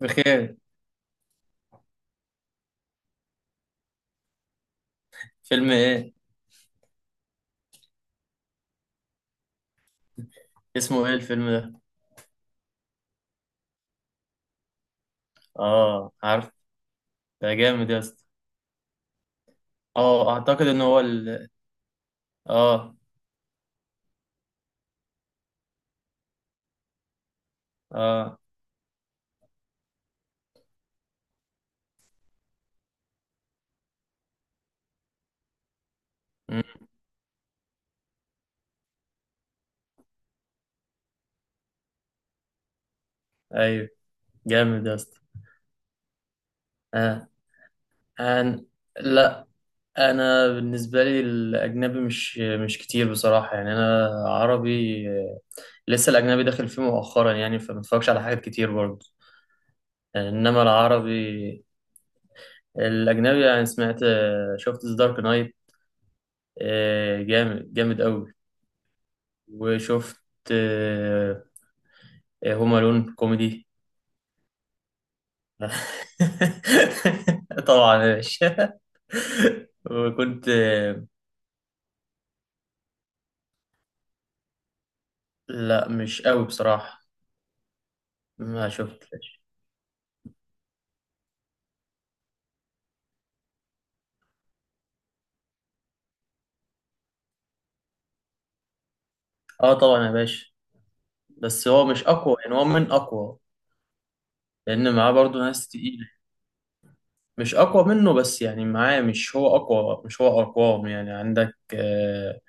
بخير. فيلم ايه؟ اسمه ايه الفيلم ده؟ اه، عارف. ده جامد يا اسطى. اه، اعتقد ان هو. اه. اه. مم. ايوه. جامد يا اسطى. آه. أنا. لا. انا بالنسبه لي الاجنبي مش كتير بصراحه، يعني انا عربي لسه الاجنبي داخل فيه مؤخرا، يعني فما اتفرجش على حاجات كتير برضه. يعني انما العربي، الاجنبي يعني سمعت شفت ذا دارك نايت. جامد جامد قوي. وشفت آه، هوم الون كوميدي. طبعا يا باشا. وكنت. لا، مش قوي بصراحة. ما شفتش. اه، طبعا يا باشا. بس هو مش اقوى، يعني هو من اقوى. لان معاه برضو ناس تقيلة. مش اقوى منه، بس يعني معاه، مش هو اقوى، مش هو اقواهم، يعني عندك آه،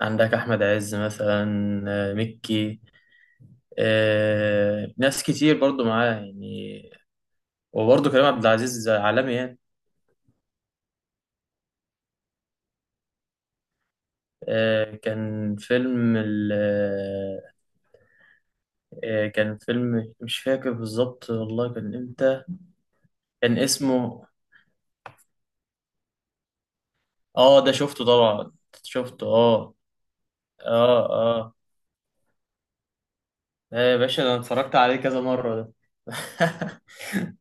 عندك احمد عز مثلا. مكي. ناس كتير برضو معاه يعني. وبرضه كريم عبد العزيز عالمي يعني. آه، كان فيلم ال آه، كان فيلم، مش فاكر بالظبط والله كان امتى. كان اسمه اه، ده شفته طبعا. شفته. اه. اه. اه. آه يا باشا، انا اتفرجت عليه كذا مرة ده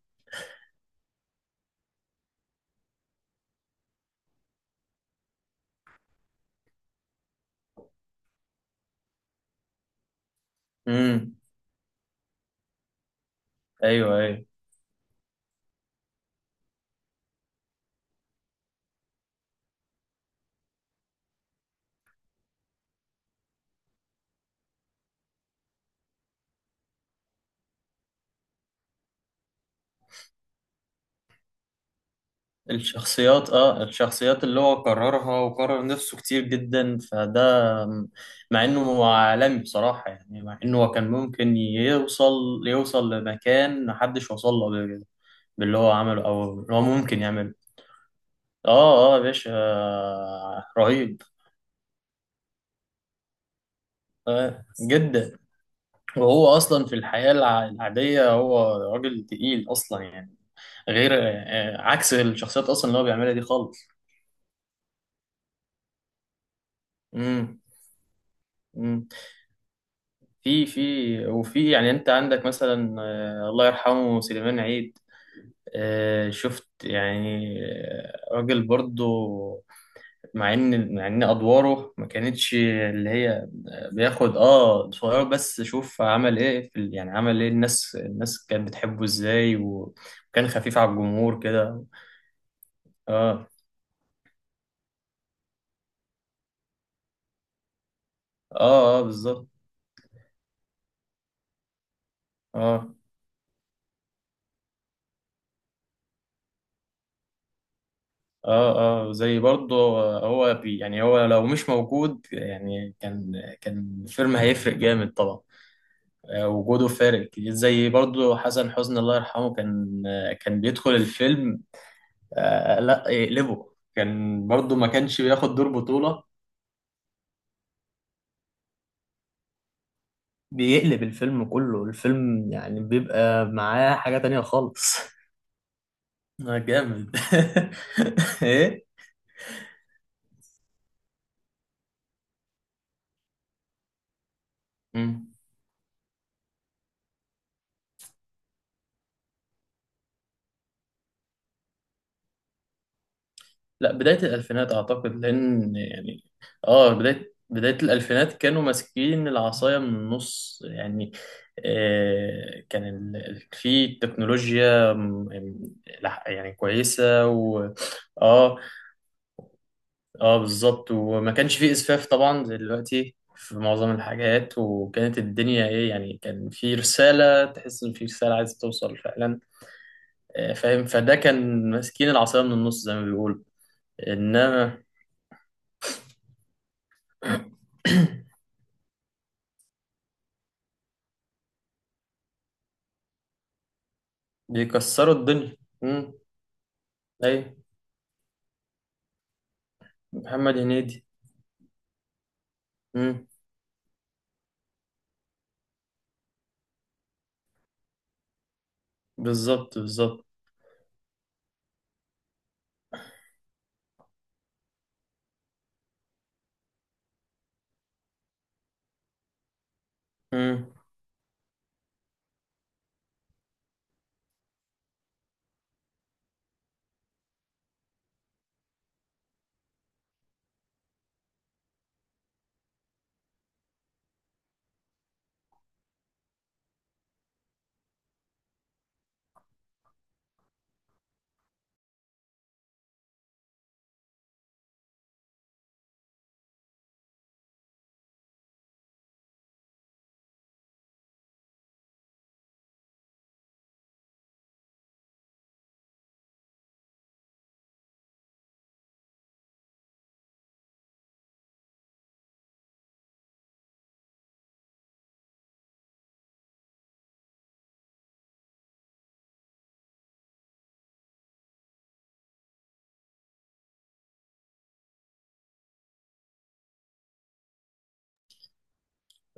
امم. ايوه. ايوه. الشخصيات اللي هو كررها وكرر نفسه كتير جدا فده، مع انه هو عالمي بصراحة، يعني مع انه هو كان ممكن يوصل لمكان محدش وصل له قبل كده، باللي هو عمله او اللي هو ممكن يعمله. اه، اه يا باشا، رهيب. آه جدا. وهو اصلا في الحياة العادية، هو راجل تقيل اصلا يعني. غير عكس الشخصيات اصلا اللي هو بيعملها دي خالص. امم. في يعني انت عندك مثلا، الله يرحمه سليمان عيد. شفت يعني راجل برضو، مع ان ادواره ما كانتش اللي هي بياخد صغير، بس شوف عمل ايه في يعني عمل ايه، الناس كانت بتحبه ازاي وكان خفيف على الجمهور كده. اه، اه، اه، بالظبط. اه، اه، اه. زي برضه هو بي يعني هو لو مش موجود يعني كان الفيلم هيفرق جامد طبعا. وجوده فارق كتير. زي برضه حسن حسني الله يرحمه، كان بيدخل الفيلم. آه لا، يقلبه، كان برضه ما كانش بياخد دور بطولة. بيقلب الفيلم كله، الفيلم يعني بيبقى معاه حاجة تانية خالص. جامد. ايه؟ لا، بداية الألفينات أعتقد، لأن يعني. آه، بداية الألفينات كانوا ماسكين العصاية من النص يعني. آه كان في تكنولوجيا يعني كويسة و. آه، آه، بالظبط، وما كانش في إسفاف طبعا زي دلوقتي في معظم الحاجات، وكانت الدنيا إيه يعني، كان في رسالة، تحس إن في رسالة عايزة توصل فعلا. آه فاهم، فده كان ماسكين العصاية من النص زي ما بيقولوا. إنما بيكسروا الدنيا. امم. ايوه. محمد هنيدي. امم. بالظبط بالظبط. امم.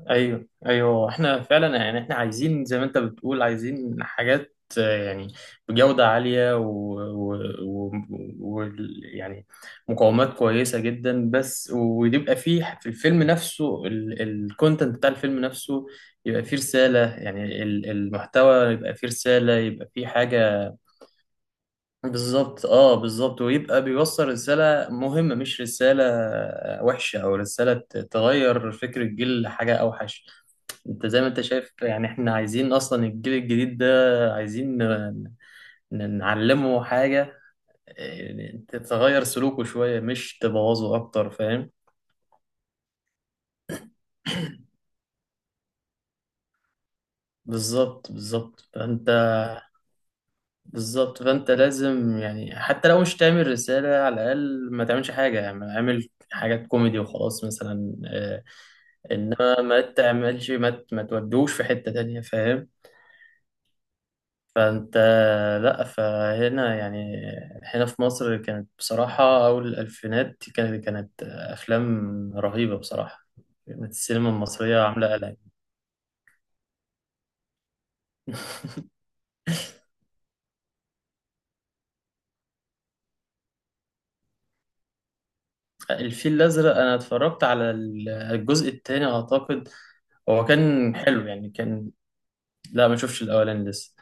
ايوه. ايوه. احنا فعلا يعني، احنا عايزين زي ما انت بتقول عايزين حاجات يعني بجودة عالية و... و... و... يعني مقاومات كويسة جدا، بس ويبقى فيه في الفيلم نفسه الكونتنت بتاع الفيلم نفسه، يبقى فيه رسالة، يعني المحتوى يبقى فيه رسالة، يبقى فيه حاجة. بالظبط اه بالظبط، ويبقى بيوصل رسالة مهمة مش رسالة وحشة، أو رسالة تغير فكر الجيل لحاجة أوحش. أنت زي ما أنت شايف يعني، إحنا عايزين أصلا الجيل الجديد ده، عايزين نعلمه حاجة تتغير سلوكه شوية مش تبوظه أكتر، فاهم؟ بالظبط بالظبط بالظبط فأنت لازم يعني، حتى لو مش تعمل رسالة على الأقل ما تعملش حاجة، يعني اعمل حاجات كوميدي وخلاص مثلا انما ما تعملش ما تودوش في حتة تانية، فاهم؟ فانت لا، فهنا يعني هنا في مصر كانت بصراحة اول الالفينات، كانت افلام رهيبة بصراحة، كانت السينما المصرية عاملة قلق. الفيل الازرق، انا اتفرجت على الجزء الثاني اعتقد. هو كان حلو يعني كان. لا، ما شفتش الاولاني لسه.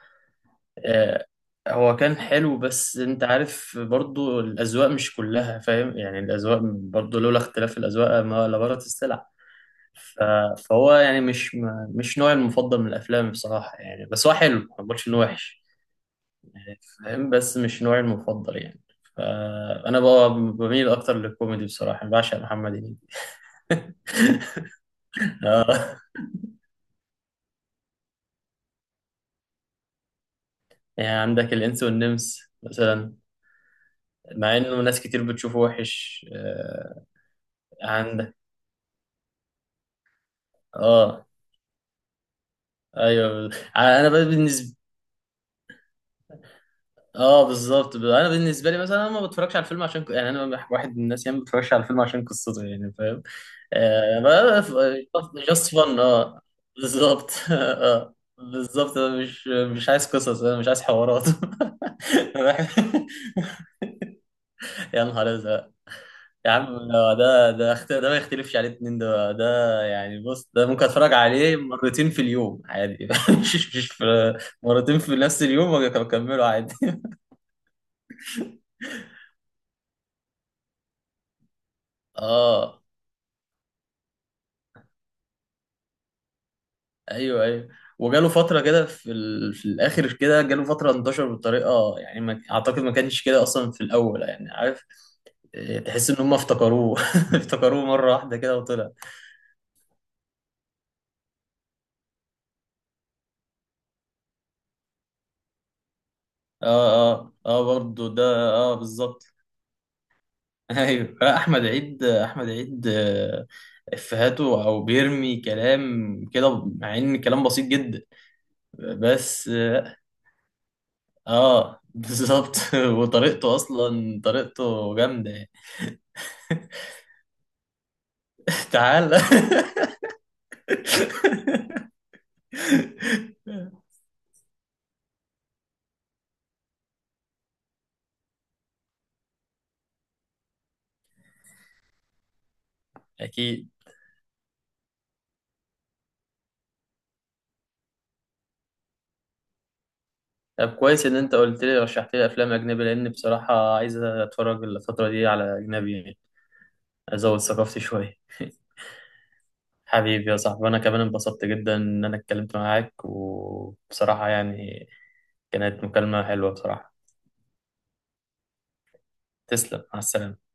آه، هو كان حلو، بس انت عارف برضو الاذواق مش كلها، فاهم؟ يعني الاذواق برضو، لولا اختلاف الاذواق ما لبارت السلع. ف- فهو يعني مش مش نوعي المفضل من الافلام بصراحه يعني، بس هو حلو ما بقولش انه وحش. يعني فاهم، بس مش نوعي المفضل يعني. فانا بقى بميل اكتر للكوميدي بصراحه، بعشق محمد هنيدي. آه، يعني عندك الانس والنمس مثلا، مع انه ناس كتير بتشوفه وحش عندك. اه. ايوه. انا بقى بالنسبه اه بالظبط، انا بالنسبه لي مثلا، انا ما بتفرجش على الفيلم عشان يعني انا واحد من الناس، يعني ما بتفرجش على الفيلم عشان قصته، يعني فاهم. آه بقى، جاست فن، اه. بالظبط اه بالظبط، انا مش عايز قصص، انا مش عايز حوارات. يا نهار ازرق! يا عم، ده ما يختلفش عليه اتنين، ده يعني بص، ده ممكن اتفرج عليه مرتين في اليوم عادي مش مش في- مرتين في نفس اليوم واكمله عادي. اه. ايوه. ايوه. وجاله فتره كده في في الاخر كده، جاله فتره انتشر بطريقه، يعني ما... اعتقد ما كانش كده اصلا في الاول، يعني عارف. إيه، تحس ان هم افتكروه افتكروه مره واحده كده وطلع. اه، اه، اه برضه ده. اه بالظبط ايوه لا، احمد عيد، احمد عيد افهاته او بيرمي كلام كده، مع ان كلام بسيط جدا بس اه. بالظبط وطريقته اصلا طريقته جامده يعني. تعال. اكيد. طب كويس ان انت قلت لي، رشحت لي افلام اجنبي، لان بصراحه عايز اتفرج الفتره دي على اجنبي يعني، ازود ثقافتي شويه حبيبي يا صاحبي، انا كمان انبسطت جدا ان انا اتكلمت معاك، وبصراحه يعني كانت مكالمه حلوه بصراحه. تسلم، مع السلامه.